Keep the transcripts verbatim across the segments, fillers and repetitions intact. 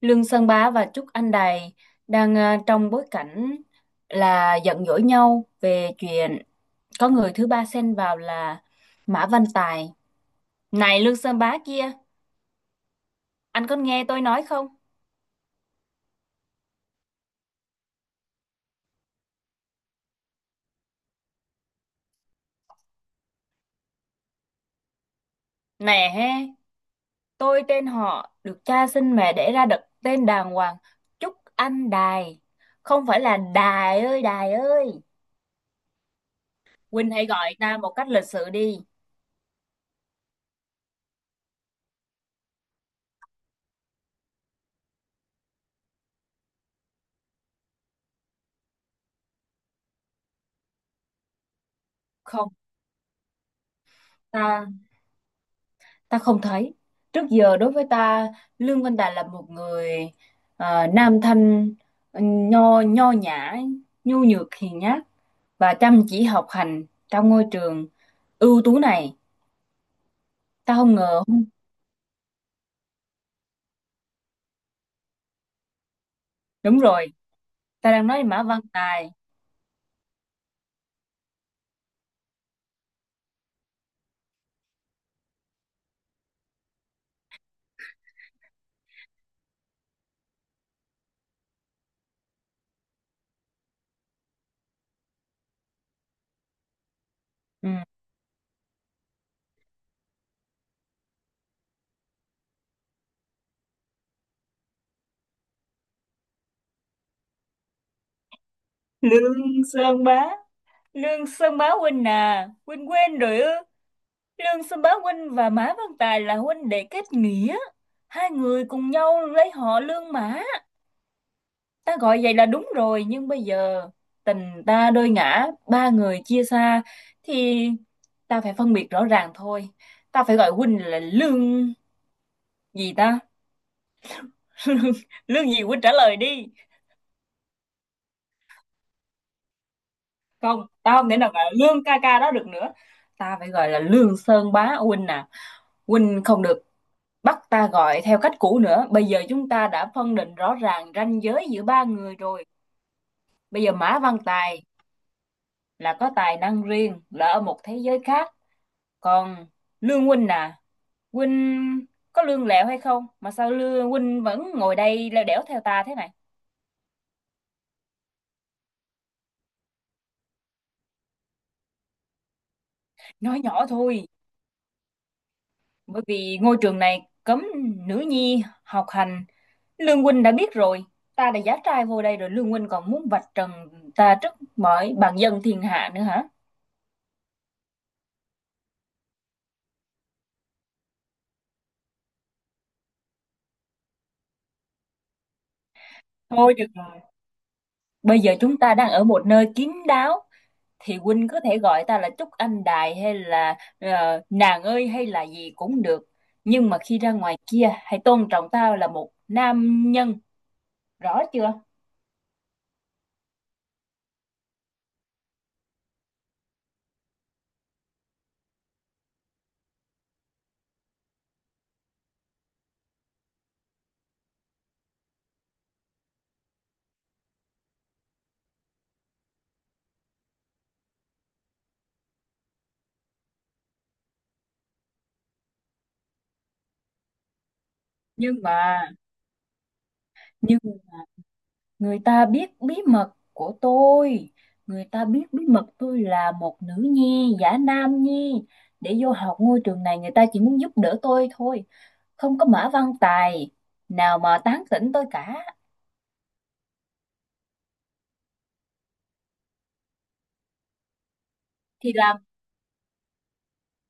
Lương Sơn Bá và Trúc Anh Đài đang ờ, trong bối cảnh là giận dỗi nhau về chuyện có người thứ ba xen vào là Mã Văn Tài. Này Lương Sơn Bá kia, anh có nghe tôi nói không? Nè he, tôi tên họ được cha sinh mẹ đẻ ra đặt tên đàng hoàng Trúc Anh Đài. Không phải là Đài ơi Đài ơi. Huynh hãy gọi ta một cách lịch sự đi. Không, ta ta không thấy, trước giờ đối với ta Lương Văn Đạt là một người ờ, nam thanh, ờ, nho nho nhã, nhu nhược hiền nhát và chăm chỉ học hành trong ngôi trường ưu tú này. Ta không ngờ. Đúng rồi, ta đang nói Mã Văn Tài. Ừ. Lương Sơn Bá, Lương Sơn Bá huynh à, huynh quên rồi ư? Lương Sơn Bá huynh và Mã Văn Tài là huynh đệ kết nghĩa, hai người cùng nhau lấy họ Lương Mã. Ta gọi vậy là đúng rồi, nhưng bây giờ tình ta đôi ngã, ba người chia xa, thì ta phải phân biệt rõ ràng thôi. Ta phải gọi huynh là lương gì ta? Lương, lương gì huynh trả lời đi. Không, tao không thể nào gọi là lương ca ca đó được nữa. Ta phải gọi là lương sơn bá huynh à. Huynh không được bắt ta gọi theo cách cũ nữa. Bây giờ chúng ta đã phân định rõ ràng ranh giới giữa ba người rồi. Bây giờ Mã Văn Tài là có tài năng riêng, là ở một thế giới khác, còn lương huynh à, huynh có lương lẹo hay không mà sao lương huynh vẫn ngồi đây leo đẻo theo ta thế này? Nói nhỏ thôi, bởi vì ngôi trường này cấm nữ nhi học hành. Lương huynh đã biết rồi, ta đã giá trai vô đây rồi, lương huynh còn muốn vạch trần ta trước mọi bàn dân thiên hạ nữa hả? Thôi được rồi, bây giờ chúng ta đang ở một nơi kín đáo thì huynh có thể gọi ta là Trúc Anh Đài hay là ờ, nàng ơi hay là gì cũng được, nhưng mà khi ra ngoài kia hãy tôn trọng tao là một nam nhân, rõ chưa? Nhưng mà nhưng người ta biết bí mật của tôi, người ta biết bí mật tôi là một nữ nhi giả nam nhi để vô học ngôi trường này. Người ta chỉ muốn giúp đỡ tôi thôi, không có mã văn tài nào mà tán tỉnh tôi cả. Thì làm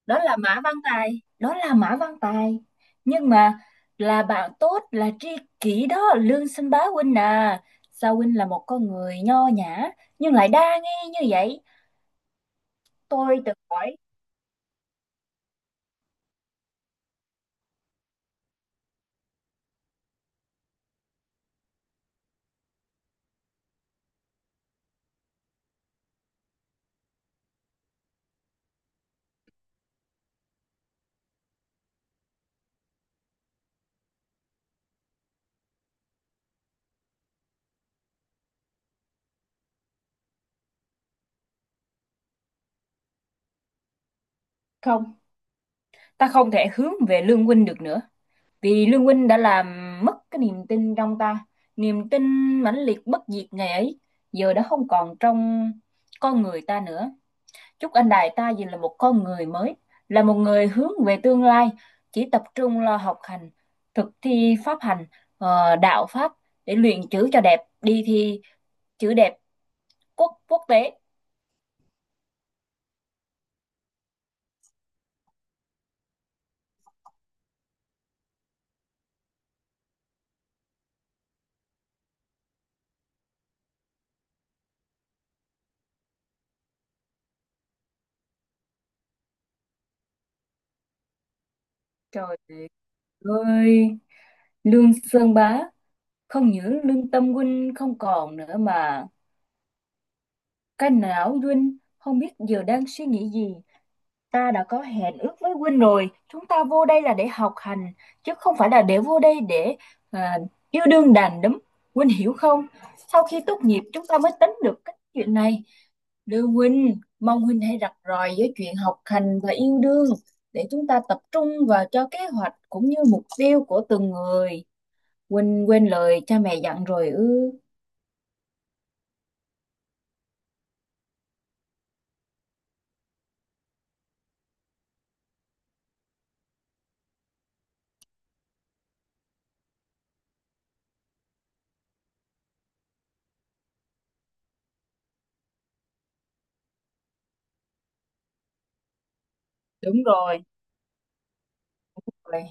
đó là Mã Văn Tài, đó là Mã Văn Tài, nhưng mà là bạn tốt, là tri kỷ đó Lương Sinh Bá huynh à. Sao huynh là một con người nho nhã nhưng lại đa nghi như vậy, tôi tự hỏi. Không, ta không thể hướng về Lương huynh được nữa, vì Lương huynh đã làm mất cái niềm tin trong ta. Niềm tin mãnh liệt bất diệt ngày ấy giờ đã không còn trong con người ta nữa. Chúc anh Đại ta dù là một con người mới, là một người hướng về tương lai, chỉ tập trung lo học hành, thực thi pháp hành, ờ, đạo pháp, để luyện chữ cho đẹp, đi thi chữ đẹp quốc quốc tế. Trời ơi, Lương Sơn Bá, không những lương tâm huynh không còn nữa mà cái não huynh không biết giờ đang suy nghĩ gì. Ta đã có hẹn ước với Huynh rồi, chúng ta vô đây là để học hành, chứ không phải là để vô đây để à, yêu đương đàn đúm. Huynh hiểu không? Sau khi tốt nghiệp chúng ta mới tính được cái chuyện này. Đưa Huynh, mong Huynh hãy rạch ròi với chuyện học hành và yêu đương để chúng ta tập trung vào cho kế hoạch cũng như mục tiêu của từng người. Huynh quên lời cha mẹ dặn rồi ư? Đúng rồi. Rồi.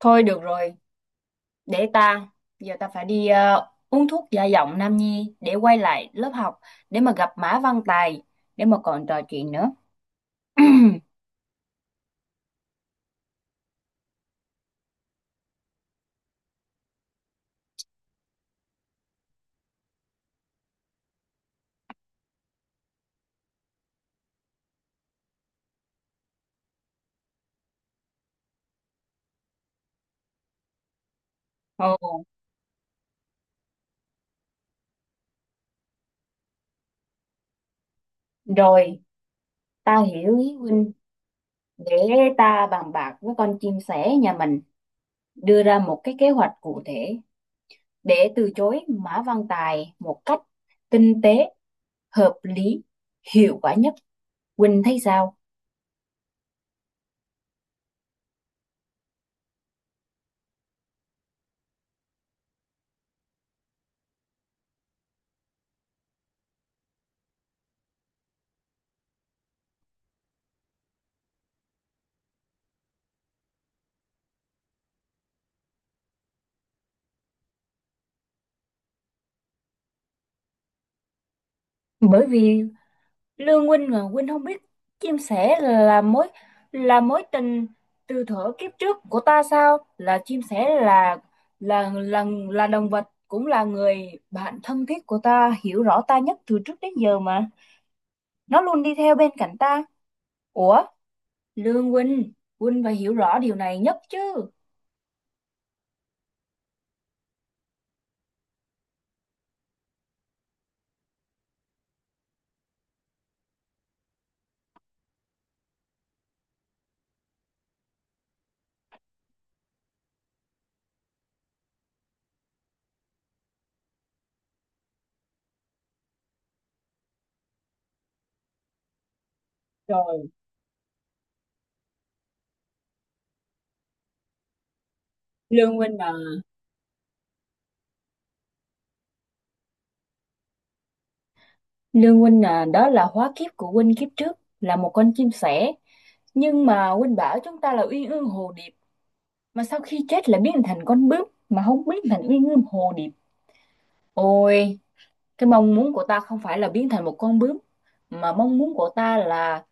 Thôi được rồi, để ta, giờ ta phải đi ờ, uống thuốc gia giọng Nam Nhi để quay lại lớp học, để mà gặp Mã Văn Tài, để mà còn trò chuyện nữa. Ồ, rồi, ta hiểu ý huynh. Để ta bàn bạc với con chim sẻ nhà mình, đưa ra một cái kế hoạch cụ thể để từ chối Mã Văn Tài một cách tinh tế, hợp lý, hiệu quả nhất. Huynh thấy sao? Bởi vì Lương huynh à, huynh không biết chim sẻ là mối là mối tình từ thuở kiếp trước của ta sao? Là chim sẻ là là là là động vật, cũng là người bạn thân thiết của ta, hiểu rõ ta nhất từ trước đến giờ mà. Nó luôn đi theo bên cạnh ta. Ủa, Lương huynh, huynh phải hiểu rõ điều này nhất chứ. Rồi, Lương Huynh à, Lương huynh à, đó là hóa kiếp của huynh kiếp trước là một con chim sẻ, nhưng mà huynh bảo chúng ta là uyên ương hồ điệp mà sau khi chết lại biến thành con bướm mà không biến thành uy ngưỡng hồ điệp. Ôi, cái mong muốn của ta không phải là biến thành một con bướm, mà mong muốn của ta là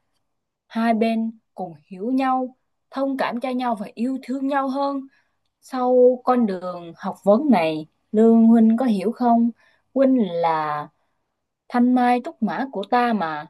hai bên cùng hiểu nhau, thông cảm cho nhau và yêu thương nhau hơn sau con đường học vấn này. Lương huynh có hiểu không? Huynh là thanh mai trúc mã của ta mà.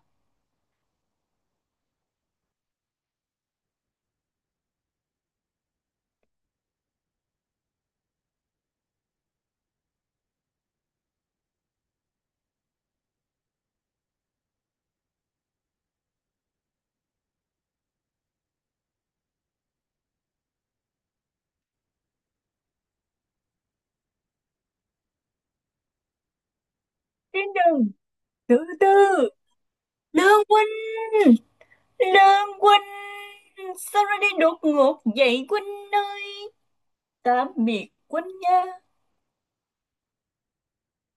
Trên đường, từ từ, Lương huynh, Lương huynh, sao ra đi đột ngột vậy huynh ơi? Tạm biệt Quân nha.